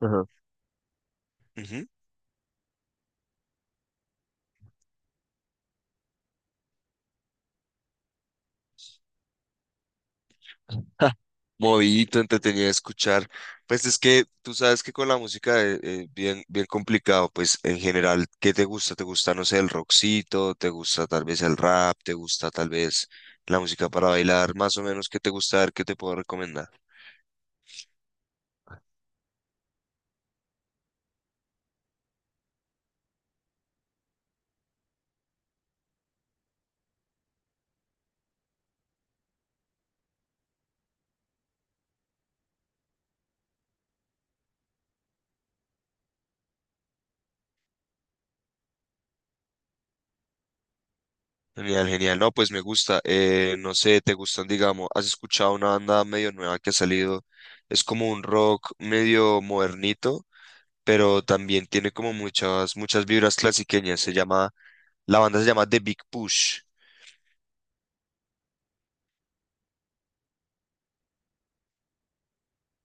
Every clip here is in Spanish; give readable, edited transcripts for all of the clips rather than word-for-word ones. Ajá. Ujú. Movidito, entretenido de escuchar. Pues es que tú sabes que con la música es bien, bien complicado. Pues en general, ¿qué te gusta? ¿Te gusta, no sé, el rockcito? ¿Te gusta tal vez el rap? ¿Te gusta tal vez la música para bailar? Más o menos, ¿qué te gusta? A ver, ¿qué te puedo recomendar? Genial, genial. No, pues me gusta. No sé, ¿te gustan, digamos, has escuchado una banda medio nueva que ha salido? Es como un rock medio modernito, pero también tiene como muchas, muchas vibras clasiqueñas. Se llama... La banda se llama The Big Push.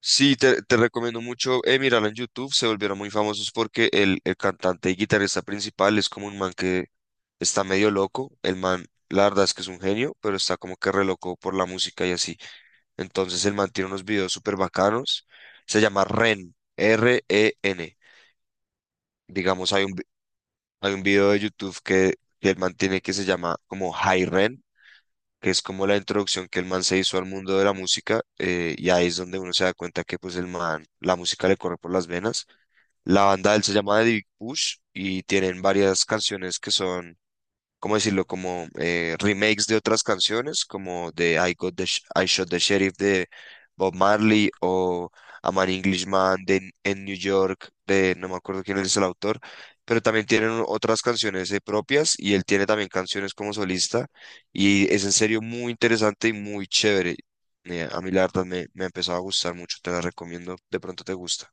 Sí, te recomiendo mucho, mirarla en YouTube. Se volvieron muy famosos porque el cantante y guitarrista principal es como un man que está medio loco. El man, la verdad es que es un genio, pero está como que re loco por la música y así. Entonces el man tiene unos videos súper bacanos. Se llama Ren, R-E-N. Digamos, hay un video de YouTube que el man tiene, que se llama como High Ren, que es como la introducción que el man se hizo al mundo de la música, y ahí es donde uno se da cuenta que pues el man, la música le corre por las venas. La banda de él se llama The Big Push y tienen varias canciones que son... ¿cómo decirlo? Como remakes de otras canciones, como de I Shot the Sheriff de Bob Marley, o A Man Englishman de en New York, de no me acuerdo quién es el autor, pero también tienen otras canciones, propias, y él tiene también canciones como solista, y es en serio muy interesante y muy chévere. A mí la verdad me ha empezado a gustar mucho, te la recomiendo, de pronto te gusta.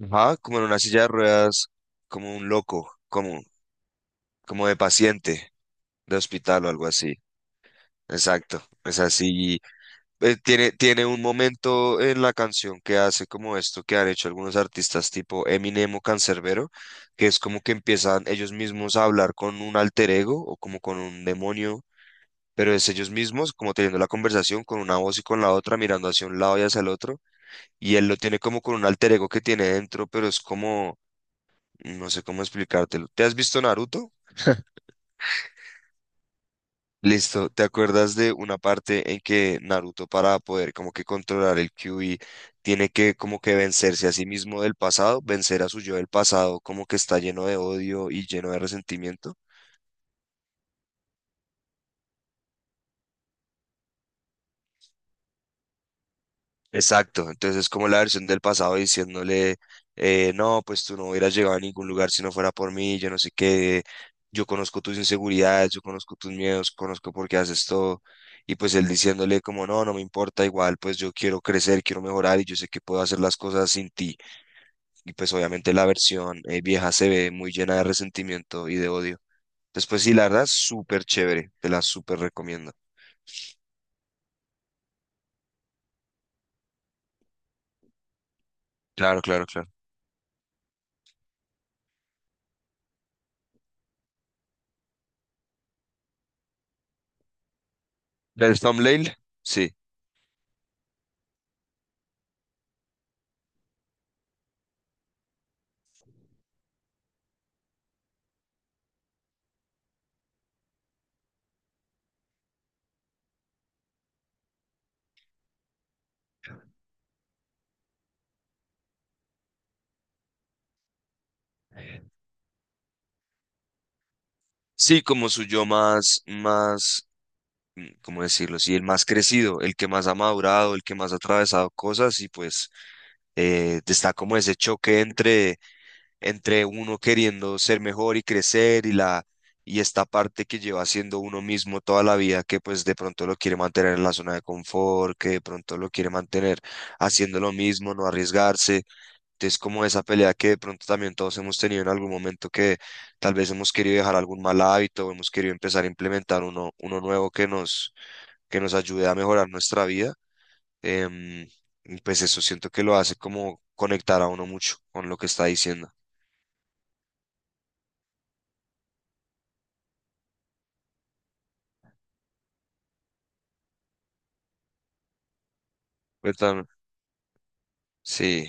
Ajá, como en una silla de ruedas, como un loco, como, como de paciente. De hospital o algo así. Exacto. Es así. Tiene, tiene un momento en la canción que hace como esto que han hecho algunos artistas tipo Eminem o Canserbero, que es como que empiezan ellos mismos a hablar con un alter ego o como con un demonio, pero es ellos mismos como teniendo la conversación con una voz y con la otra, mirando hacia un lado y hacia el otro. Y él lo tiene como con un alter ego que tiene dentro, pero es como, no sé cómo explicártelo. ¿Te has visto Naruto? Listo, ¿te acuerdas de una parte en que Naruto, para poder como que controlar el Kyuubi, tiene que como que vencerse a sí mismo del pasado, vencer a su yo del pasado, como que está lleno de odio y lleno de resentimiento? Exacto, entonces es como la versión del pasado diciéndole, no, pues tú no hubieras llegado a ningún lugar si no fuera por mí, yo no sé qué, yo conozco tus inseguridades, yo conozco tus miedos, conozco por qué haces todo, y pues él diciéndole como, no, no me importa, igual, pues yo quiero crecer, quiero mejorar y yo sé que puedo hacer las cosas sin ti, y pues obviamente la versión vieja se ve muy llena de resentimiento y de odio. Entonces, pues sí, la verdad, súper chévere, te la súper recomiendo. Claro, claro, claro. ¿Del Thumbnail? Sí. Sí, como su yo más, más, ¿cómo decirlo? Sí, el más crecido, el que más ha madurado, el que más ha atravesado cosas y pues está como ese choque entre, entre uno queriendo ser mejor y crecer y esta parte que lleva siendo uno mismo toda la vida, que pues de pronto lo quiere mantener en la zona de confort, que de pronto lo quiere mantener haciendo lo mismo, no arriesgarse. Es como esa pelea que de pronto también todos hemos tenido en algún momento, que tal vez hemos querido dejar algún mal hábito o hemos querido empezar a implementar uno nuevo que nos ayude a mejorar nuestra vida. em, y pues eso siento que lo hace como conectar a uno mucho con lo que está diciendo. Cuéntame. Sí,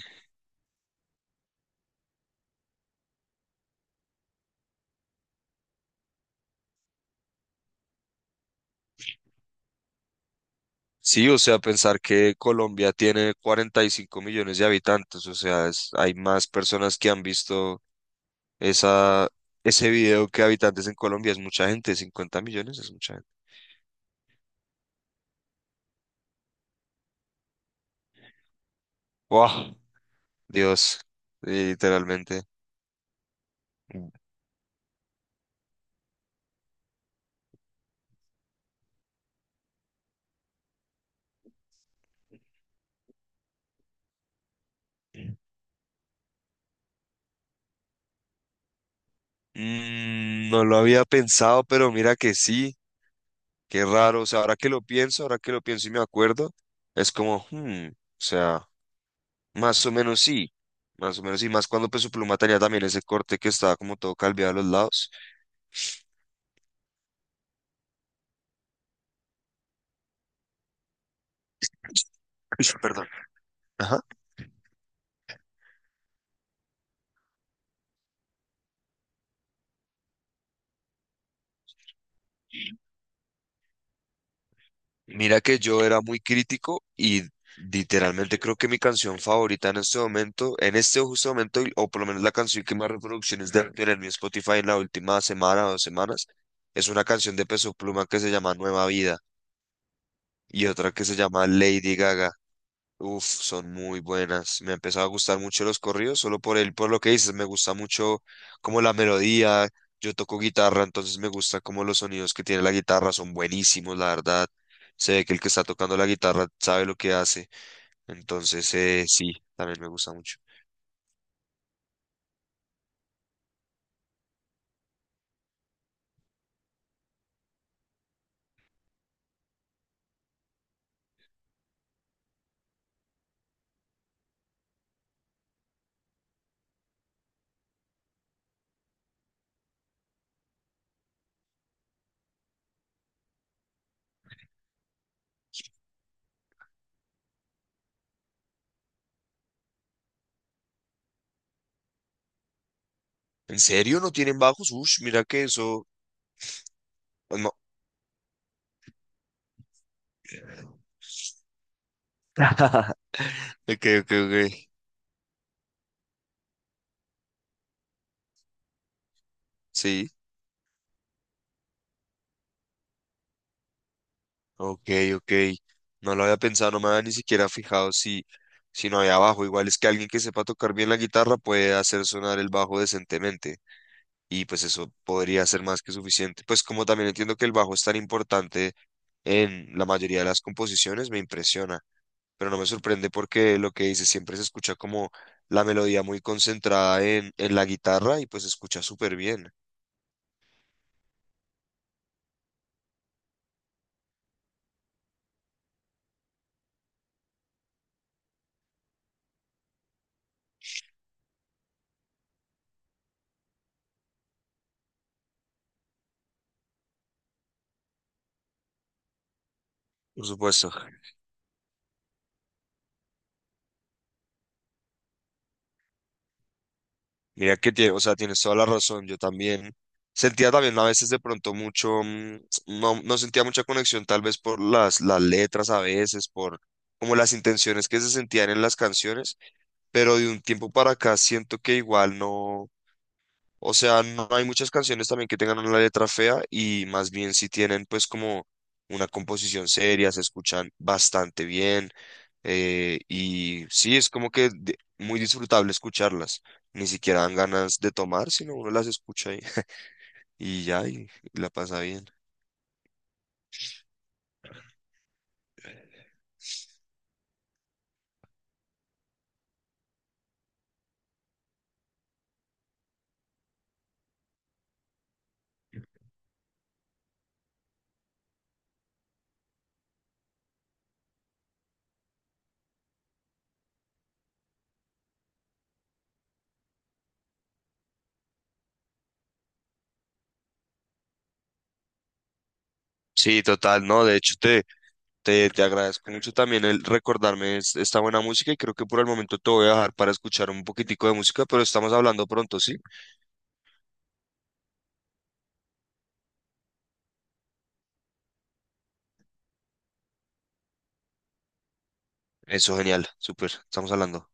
sí, o sea, pensar que Colombia tiene 45 millones de habitantes, o sea, es- hay más personas que han visto esa, ese video que habitantes en Colombia, es mucha gente, 50 millones es mucha... Wow, Dios, literalmente. No lo había pensado, pero mira que sí, qué raro. O sea, ahora que lo pienso, ahora que lo pienso y me acuerdo, es como, hmm, o sea, más o menos sí, más o menos sí, más cuando Peso Pluma tenía también ese corte que estaba como todo calviado a los lados. Uy, perdón. Mira que yo era muy crítico y literalmente creo que mi canción favorita en este momento, en este justo momento, o por lo menos la canción que más reproducciones debe tener mi Spotify en la última semana o dos semanas, es una canción de Peso Pluma que se llama Nueva Vida, y otra que se llama Lady Gaga. Uf, son muy buenas. Me ha empezado a gustar mucho los corridos, solo por el, por lo que dices, me gusta mucho como la melodía. Yo toco guitarra, entonces me gusta como los sonidos que tiene la guitarra son buenísimos, la verdad. Se ve que el que está tocando la guitarra sabe lo que hace. Entonces, sí, también me gusta mucho. ¿En serio no tienen bajos? Ush, mira que eso. No, ok, ok, ok. Sí. Ok, ok. No lo había pensado, no me había ni siquiera fijado si, si no había bajo. Igual es que alguien que sepa tocar bien la guitarra puede hacer sonar el bajo decentemente. Y pues eso podría ser más que suficiente. Pues como también entiendo que el bajo es tan importante en la mayoría de las composiciones, me impresiona. Pero no me sorprende porque lo que dice siempre se escucha como la melodía muy concentrada en la guitarra y pues se escucha súper bien, por supuesto. Mira que tiene, o sea, tienes toda la razón. Yo también sentía también a veces de pronto mucho, no, no sentía mucha conexión tal vez por las letras a veces, por como las intenciones que se sentían en las canciones, pero de un tiempo para acá siento que igual no, o sea, no hay muchas canciones también que tengan una letra fea y más bien si tienen, pues, como una composición seria, se escuchan bastante bien, y sí, es como que muy disfrutable escucharlas. Ni siquiera dan ganas de tomar, sino uno las escucha y, y ya, y la pasa bien. Sí, total, no, de hecho te agradezco mucho también el recordarme esta buena música, y creo que por el momento te voy a dejar para escuchar un poquitico de música, pero estamos hablando pronto, ¿sí? Eso, genial, súper, estamos hablando.